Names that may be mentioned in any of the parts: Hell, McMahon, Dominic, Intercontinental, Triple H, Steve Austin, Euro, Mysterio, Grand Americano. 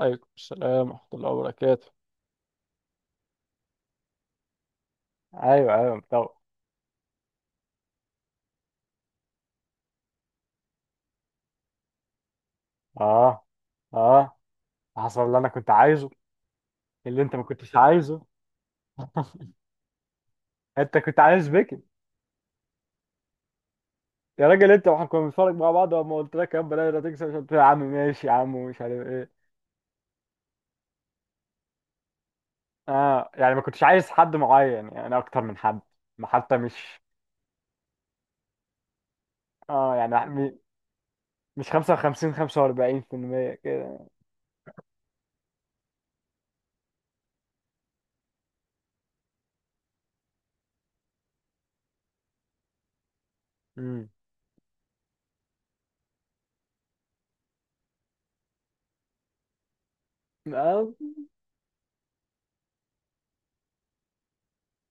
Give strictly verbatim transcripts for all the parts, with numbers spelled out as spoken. عليكم السلام ورحمة الله وبركاته. ايوه ايوه طبعا. اه اه، حصل اللي انا كنت عايزه. اللي انت ما كنتش عايزه. انت كنت عايز بيكي. يا راجل انت، واحنا كنا بنتفرج مع بعض لما قلت لك يا بلاش لا تكسب، مش قلت لي يا عم ماشي يا عم ومش عارف ايه؟ اه يعني ما كنتش عايز حد معين يعني اكتر من حد. ما حتى مش. اه يعني م- مش خمسة وخمسين خمسة وأربعون في المئة كده. امم آه.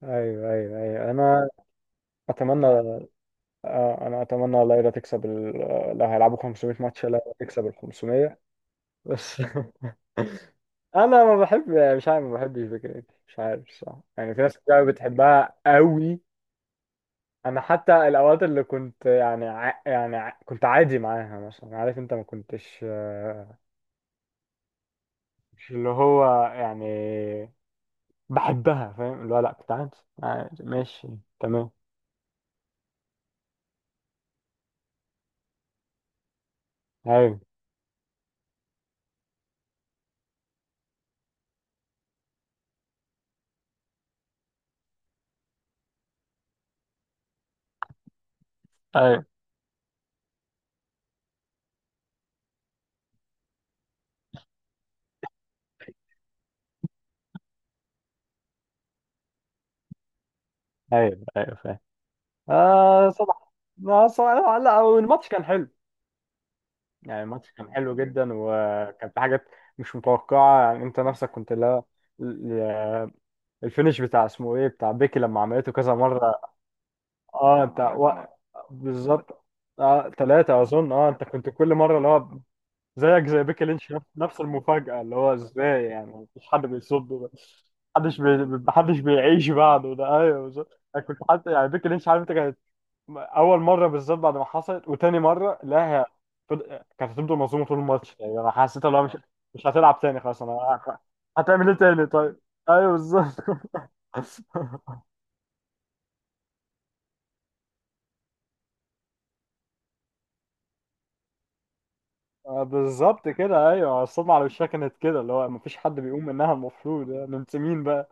ايوه ايوه ايوه انا اتمنى. آه، انا اتمنى والله لا تكسب ال... آه، لو هيلعبوا خمسمائة ماتش لا تكسب ال خمسميه بس. انا ما بحب، مش عارف، ما بحبش فكرة، مش عارف صح. يعني في ناس كتير أوي بتحبها قوي. انا حتى الاوقات اللي كنت يعني ع... يعني ع... كنت عادي معاها مثلا، عارف انت ما كنتش. آه، مش اللي هو يعني بحبها، فاهم؟ اللي هو لا، كنت عادي. عادي، ماشي، تمام. ايوه ايوه ايوه ايوه، فاهم. آه صباح ما صباح. لا لا، الماتش كان حلو. يعني الماتش كان حلو جدا وكان في حاجات مش متوقعة، يعني انت نفسك كنت لا. ال- الفينش بتاع اسمه ايه بتاع بيكي لما عملته كذا مرة. اه، انت ثلاث و... مرات. بالظبط. اه، ثلاثة اظن. اه، انت كنت كل مرة اللي هو زيك زي بيكي لينش، نفس نفس المفاجأة، اللي هو ازاي يعني، مفيش حد بيصده ده. محدش بي... محدش بيعيش بعده ده. ايوه بالظبط. انا كنت حتى يعني بيكي لينش، عارف انت، اول مره بالظبط بعد ما حصلت، وتاني مره لا، هي فض- كانت هتفضل مظلومه طول الماتش. يعني انا حسيت، لو مش مش هتلعب تاني خلاص، انا هتعمل ايه تاني طيب. ايوه بالظبط. آه، بالظبط كده. ايوه، الصدمه على وشها كانت كده، اللي هو مفيش حد بيقوم منها، المفروض يعني انت مين بقى.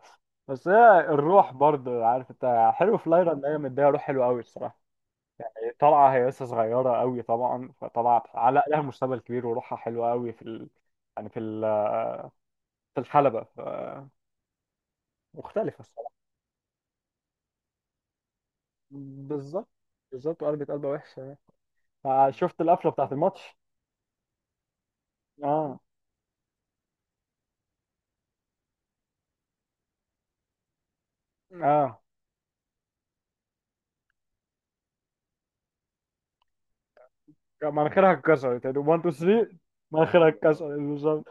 بس هي الروح برضه، عارف انت، حلو في لايرا ان هي مديها روح حلوه قوي الصراحه. هي طالعه، هي لسه صغيره قوي طبعا، فطلعت علق لها مستقبل كبير وروحها حلوه قوي في ال... يعني في ال... في الحلبه، مختلفة الصراحة. بالظبط بالظبط، وقلبت قلبة وحشة. يعني شفت القفلة بتاعت الماتش. اه اه، مناخيرها اتكسرت يعني واحد اتنين تلاته، مناخيرها اتكسرت بالظبط.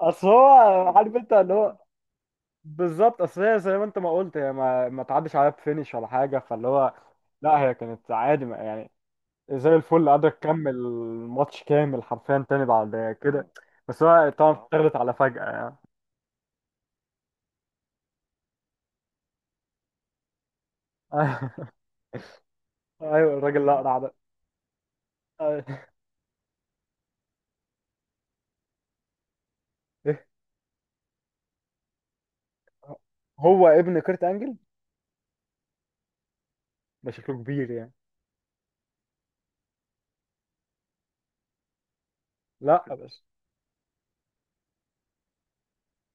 اصل هو، عارف انت اللي هو، بالظبط. اصل هي زي ما انت ما قلت، هي ما, ما تعدش عليها بفينش ولا حاجة، فاللي هو لا، هي كانت عادي ما- يعني زي الفل، قادرة تكمل الماتش كامل حرفيا تاني بعد كده، بس هو طبعا اتغلت على فجأة يعني. ايوه، الراجل الاقرع ده. أيوة. هو ابن كيرت انجل، ده شكله كبير يعني. لا بس،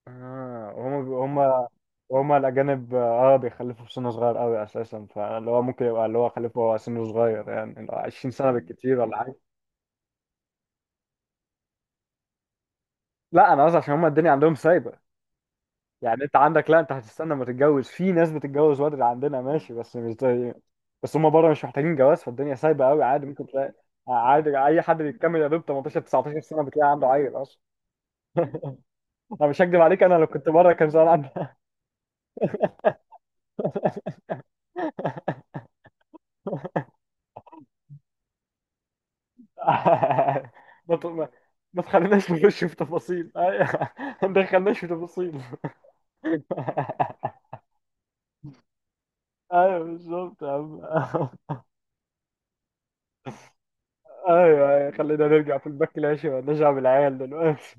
اه، وهم هم هم الاجانب، اه، بيخلفوا في سن صغير قوي اساسا، فاللي هو ممكن يبقى اللي هو خلفه وهو سنه صغير، يعني اللي هو عشرين سنه بالكتير ولا حاجه. لا، انا قصدي عشان هم الدنيا عندهم سايبه. يعني انت عندك، لا، انت هتستنى ما تتجوز. في ناس بتتجوز بدري عندنا، ماشي، بس مش زي. بس هم بره مش محتاجين جواز، فالدنيا سايبه قوي. عادي، ممكن تلاقي عادي اي حد بيكمل يا دوب تمنتاشر تسعتاشر سنه بتلاقي عنده عيل اصلا. انا مش هكدب عليك، انا لو كنت بره كان زمان عندي. ما ت- ما ما تخليناش نخش في تفاصيل، ايوه. ما تدخلناش في تفاصيل. ايوه بالظبط يا عم. ايوه ايوه، خلينا نرجع في الباك العشي ونرجع بالعيال دلوقتي.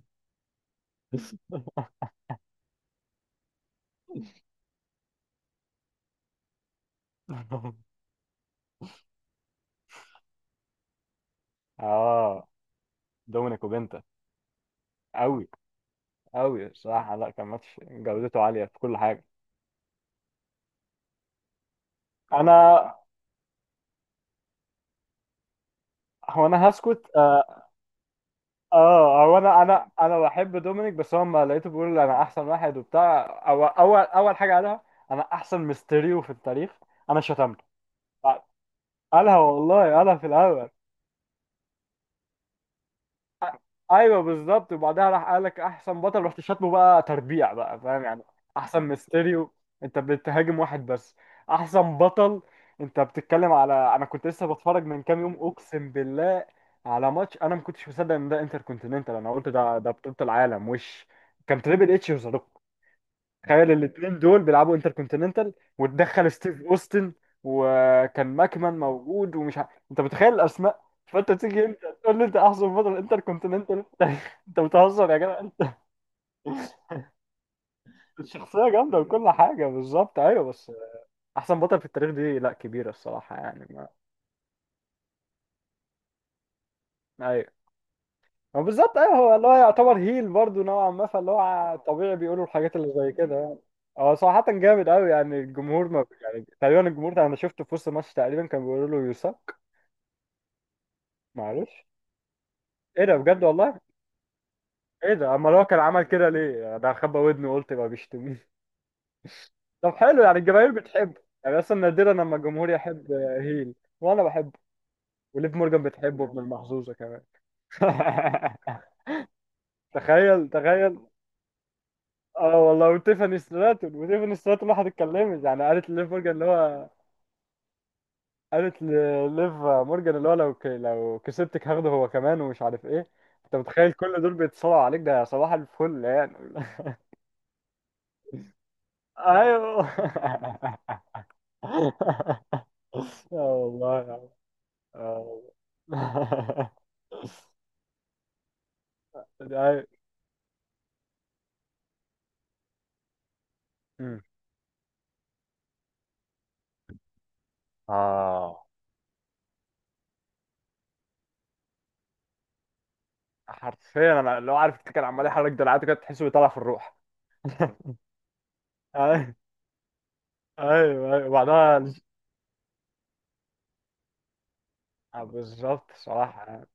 اه، دومينيك وبنتا، قوي قوي بصراحه. لا، كان ماتش جودته عاليه في كل حاجه. انا هو انا هسكت. آه، اه، هو انا انا انا بحب دومينيك، بس هو لما لقيته بيقول انا احسن واحد وبتاع، اول اول اول حاجه قالها انا احسن ميستيريو في التاريخ، انا شتمته. قالها والله، قالها في الاول. ايوه بالظبط، وبعدها راح قال لك احسن بطل، رحت شاتمه بقى تربيع بقى، فاهم يعني؟ احسن ميستيريو، انت بتهاجم واحد بس. احسن بطل، انت بتتكلم على، انا كنت لسه بتفرج من كام يوم، اقسم بالله، على ماتش انا ما كنتش مصدق ان ده انتر كونتيننتال، انا قلت ده ده بطولة العالم وش، كان تريبل اتش وذا. تخيل الاثنين دول بيلعبوا انتركونتيننتال وتدخل ستيف اوستن، وكان ماكمان موجود، ومش ع... انت متخيل الاسماء. فانت تيجي انت تقول لي انت احسن بطل انتركونتيننتال في التاريخ، انت بتهزر يا جدع انت. الشخصيه جامده وكل حاجه، بالظبط، ايوه، بس احسن بطل في التاريخ دي لا، كبيره الصراحه يعني ما... ايوه، ما بالظبط، ايوه، هو اللي هو يعتبر هيل برضه نوعا ما، فاللي هو طبيعي بيقولوا الحاجات اللي زي كده يعني. هو صراحة جامد قوي، يعني الجمهور، ما يعني، تقريبا الجمهور انا شفته في وسط الماتش تقريبا كان بيقولوا له يوسك. معلش، ايه ده بجد والله، ايه ده، امال هو كان عمل كده ليه؟ يعني ده خبى ودني، قلت بقى بيشتمني. طب حلو، يعني الجماهير بتحب، يعني اصلا نادرا لما الجمهور يحب هيل. وانا بحبه. وليف مورجان بتحبه، ابن المحظوظة كمان. تخيل تخيل. اه والله، وتيفاني ستراتون وتيفاني ستراتون راحت اتكلمت يعني، قالت لليف مورجان اللي هو قالت لليف مورجان اللي هو، لو ك... لو كسبتك هاخده هو كمان ومش عارف ايه. انت متخيل كل دول بيتصارعوا عليك؟ ده صباح الفل يعني. ايوه. اه والله يا عم. اه والله. ده- مم. اه، حرفيا انا لو عارف، كان عمال يحرك دراعاته كده، تحسه بيطلع في الروح. ايوه ايوه ايوه، وبعدها آه، بالظبط صراحة.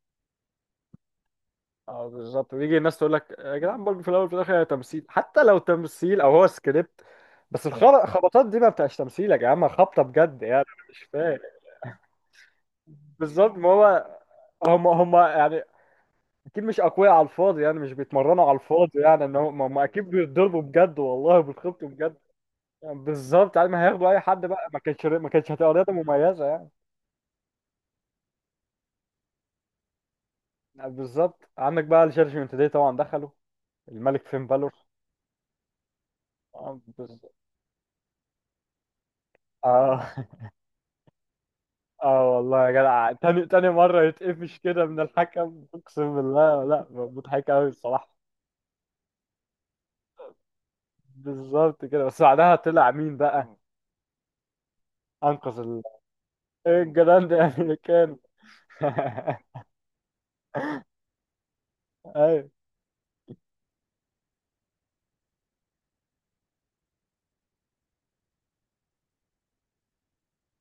اه بالظبط، بيجي الناس تقول لك يا جدعان، برضه في الاول وفي الاخر هي تمثيل، حتى لو تمثيل او هو سكريبت، بس الخبطات دي ما بتبقاش تمثيل يا جماعه، خبطه بجد يعني، أنا مش فاهم. بالظبط، ما هو، هم هم يعني اكيد مش اقوياء على الفاضي، يعني مش بيتمرنوا على الفاضي، يعني ان هم هم اكيد بيتضربوا بجد والله، بيتخبطوا بجد، يعني بالظبط. يعني ما هياخدوا اي حد بقى، ما كانتش ما كانتش هتبقى رياضه مميزه يعني. يعني بالظبط، عندك بقى الجادجمنت داي طبعا دخلوا، الملك فين بالور. اه بالظبط. اه اه والله يا جدع، تاني تاني مرة يتقفش كده من الحكم، اقسم بالله، لا مضحك قوي الصراحة. بالظبط كده، بس بعدها طلع مين بقى، انقذ ال... إيه الجدعان ده، يعني اللي كان. ايوه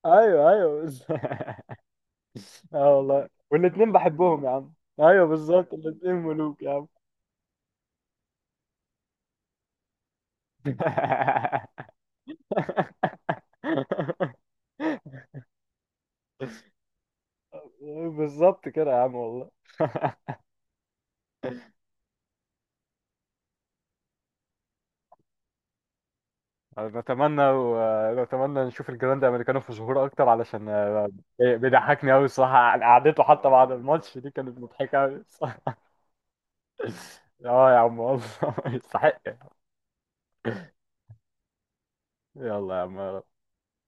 ايوه ايوه بس- اه والله، والاتنين بحبهم يا عم، ايوه بالظبط، الاتنين ملوك يا عم. بالظبط كده يا عم والله. بتمنى بتمنى نشوف الجراند امريكانو في ظهور اكتر، علشان آه، بيضحكني قوي الصراحه، يعني قعدته حتى بعد الماتش دي كانت مضحكه قوي الصراحة. اه يا عم والله. يستحق. يلا يا عم.